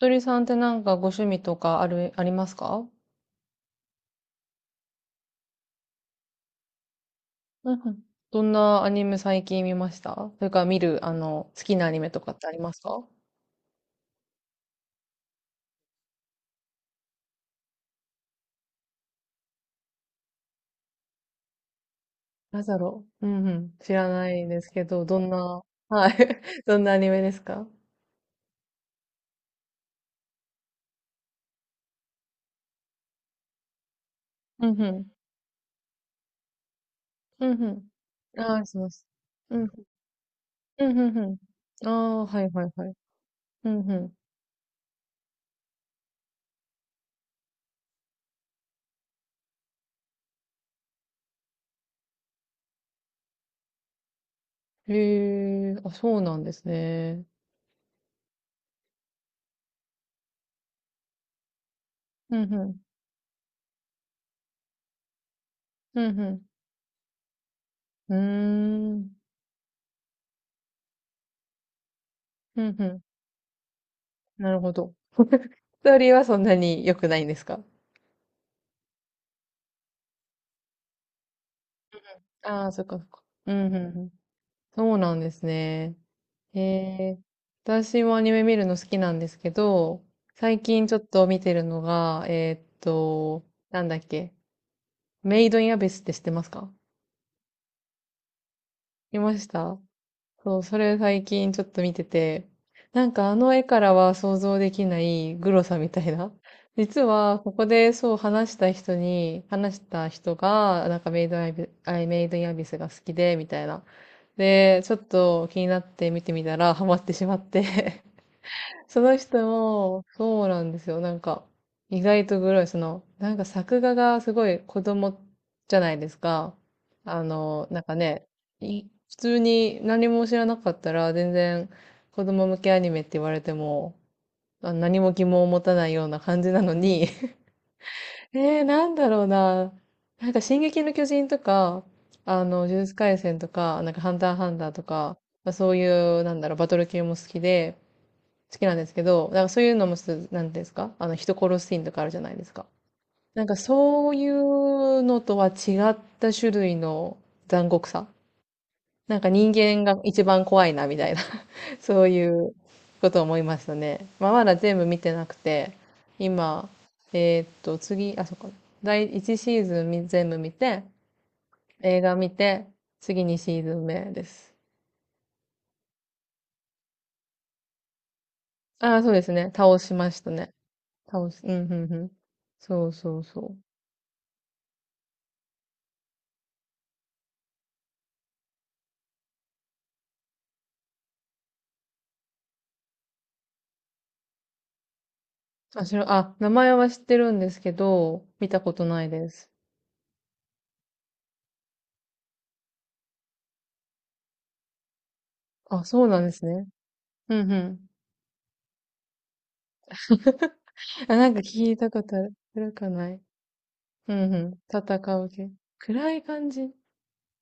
とりさんってなんかご趣味とかありますか？うんうん。どんなアニメ最近見ました？それから好きなアニメとかってありますか？なんだろう。うんうん。知らないですけど、どんな。はい。どんなアニメですか？うんうん。うんうん。ああ、します。うん。うんうんうん。ああ、はいはいはい。うんうん。へえ、あ、そうなんですね。うんうん。うんうん。うーん。うんうん。なるほど。ストーリーはそんなに良くないんですか？ああ、そっかそっか。うん、うん、うん。そうなんですね。へえ。私もアニメ見るの好きなんですけど、最近ちょっと見てるのが、なんだっけ。メイドインアビスって知ってますか？見ました。そう、それ最近ちょっと見てて、なんかあの絵からは想像できないグロさみたいな。実は、ここでそう話した人が、なんかメイドインアビスが好きで、みたいな。で、ちょっと気になって見てみたら、ハマってしまって、その人も、そうなんですよ。なんか、意外とグロい。なんか作画がすごい子供じゃないですか。なんかね、普通に何も知らなかったら、全然子供向けアニメって言われても、何も疑問を持たないような感じなのに、なんだろうな。なんか、進撃の巨人とか、呪術廻戦とか、なんか、ハンターハンターとか、まあ、そういう、なんだろう、バトル系も好きなんですけど、だからそういうのも、なんていうんですか、人殺すシーンとかあるじゃないですか。なんかそういうのとは違った種類の残酷さ。なんか人間が一番怖いな、みたいな。 そういうことを思いましたね。まあ、まだ全部見てなくて、今、次、あ、そっか。第1シーズン全部見て、映画見て、次2シーズン目です。ああ、そうですね。倒しましたね。倒す。うん、うん、うん。そうそうそう。あ、しろ、あ、名前は知ってるんですけど、見たことないです。あ、そうなんですね。うんうん。あ、なんか聞いたことある。暗かない？うんうん。戦う系。暗い感じ。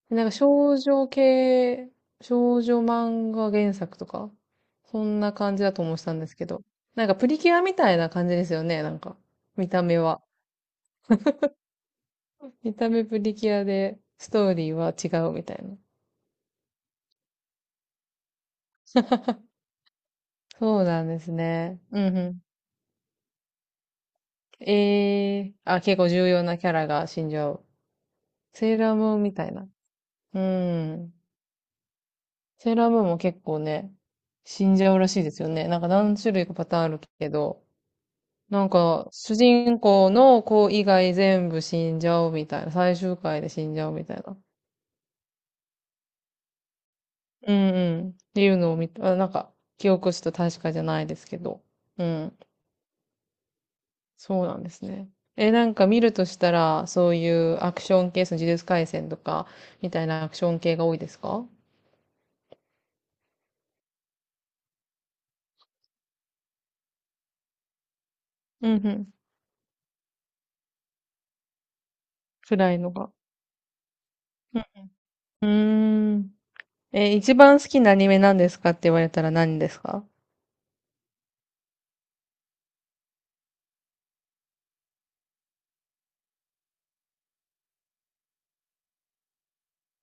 なんか少女系、少女漫画原作とか、そんな感じだと思ってたんですけど。なんかプリキュアみたいな感じですよね、なんか。見た目は。見た目プリキュアで、ストーリーは違うみたいな。そうなんですね。うんうん。結構重要なキャラが死んじゃう。セーラームーンみたいな。うん。セーラームーンも結構ね、死んじゃうらしいですよね。なんか何種類かパターンあるけど、なんか主人公の子以外全部死んじゃうみたいな。最終回で死んじゃうみたいな。うんうん。っていうのを見た、あなんか記憶したと確かじゃないですけど。うん。そうなんですね。え、なんか見るとしたら、そういうアクション系、その呪術廻戦とか、みたいなアクション系が多いですか？うんうん。辛いのが。うん。うーん。え、一番好きなアニメ何ですかって言われたら何ですか？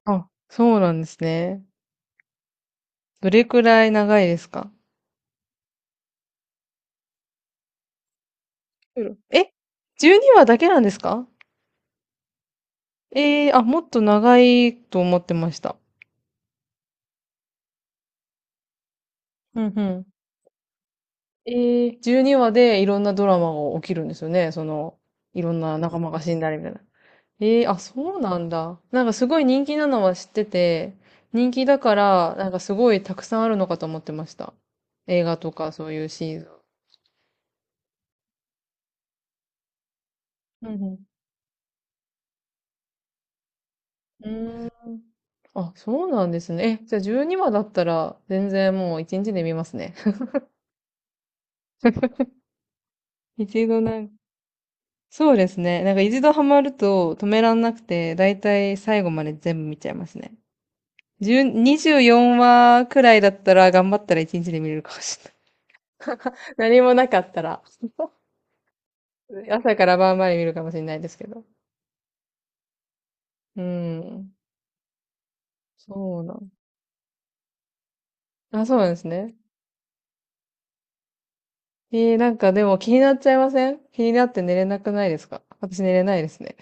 あ、そうなんですね。どれくらい長いですか？うん、え？ 12 話だけなんですか？あ、もっと長いと思ってました。うんうん。ええ、12話でいろんなドラマが起きるんですよね。いろんな仲間が死んだりみたいな。そうなんだ。なんかすごい人気なのは知ってて、人気だから、なんかすごいたくさんあるのかと思ってました。映画とかそういうシーズン。うんうん。うーん。あ、そうなんですね。え、じゃあ12話だったら全然もう1日で見ますね。一度なんか、そうですね。なんか一度ハマると止めらんなくて、だいたい最後まで全部見ちゃいますね。10 24話くらいだったら頑張ったら1日で見れるかもしれない。何もなかったら。朝から晩まで見るかもしれないですけど。うん。そうなん。あ、そうなんですね。なんかでも気になっちゃいません？気になって寝れなくないですか？私寝れないですね。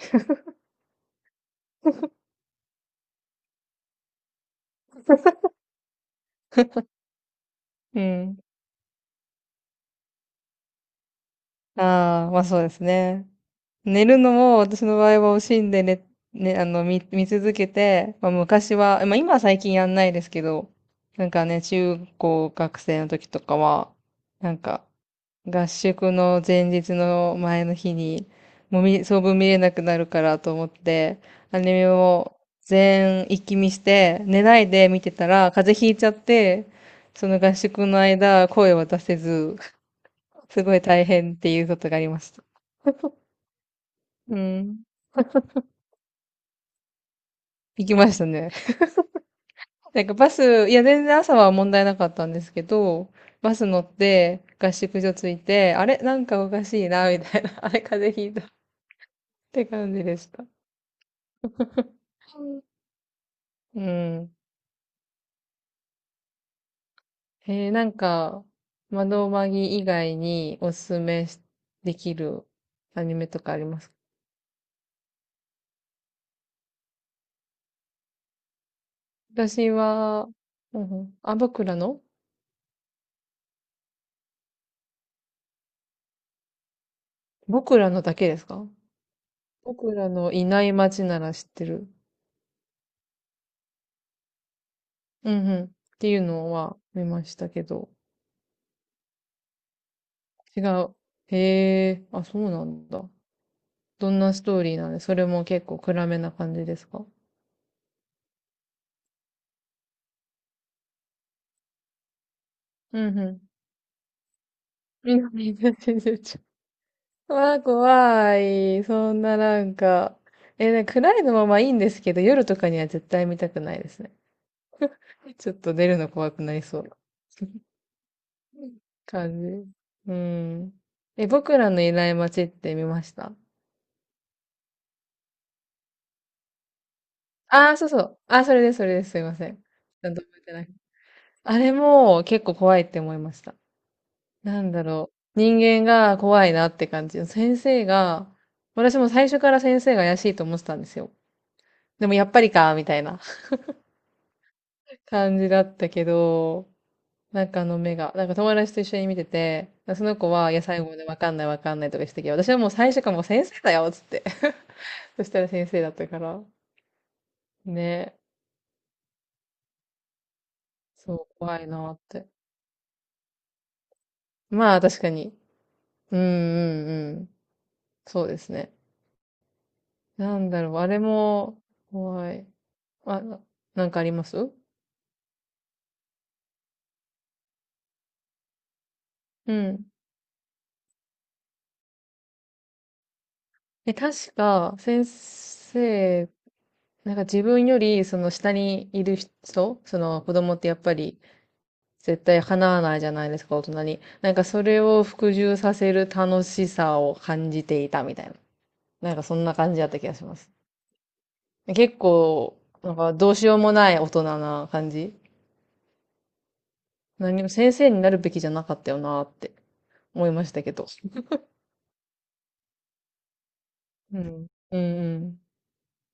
うん。ああ、まあそうですね。寝るのも私の場合は惜しんでね、ね、見続けて、まあ、昔は、まあ、今は最近やんないですけど、なんかね、中高学生の時とかは、なんか、合宿の前の日に、もう相分見れなくなるからと思って、アニメを一気見して、寝ないで見てたら、風邪ひいちゃって、その合宿の間、声を出せず、すごい大変っていうことがありました。うん。行きましたね。なんかバス、いや全然朝は問題なかったんですけど、バス乗って合宿所着いて、あれなんかおかしいな、みたいな。あれ風邪ひいた。って感じでした。うん。なんか、窓マギ以外におすすめできるアニメとかありますか？私は、うんうん、あ、僕らの、僕らのだけですか？僕らのいない街なら知ってる。うんうん。っていうのは見ましたけど。違う。へえ、あ、そうなんだ。どんなストーリーなんで、それも結構暗めな感じですか？うんうん。南の真珠ちゃん。わあ、怖い。そんななんか。え、なんか暗いのままいいんですけど、夜とかには絶対見たくないですね。ちょっと出るの怖くなりそう。感じ。うん。え、僕らのいない街って見ました？ああー、そうそう。あー、それです、それです。すいません。ちゃんと覚えてない。あれも結構怖いって思いました。なんだろう。人間が怖いなって感じ。先生が、私も最初から先生が怪しいと思ってたんですよ。でもやっぱりか、みたいな。 感じだったけど、なんかあの目が、なんか友達と一緒に見てて、その子は、いや、最後までわかんないわかんないとかしてたけど、私はもう最初からもう先生だよ、つって。そしたら先生だったから。ね。そう、怖いなって。まあ、確かに。うんうんうん。そうですね。なんだろう、あれも、怖い。あ、なんかあります？うん。え、確か、先生、なんか自分より、その下にいる人、その子供ってやっぱり、絶対叶わないじゃないですか、大人に。なんかそれを服従させる楽しさを感じていたみたいな。なんかそんな感じだった気がします。結構、なんかどうしようもない大人な感じ。何も先生になるべきじゃなかったよなって思いましたけど。うん。うんうん。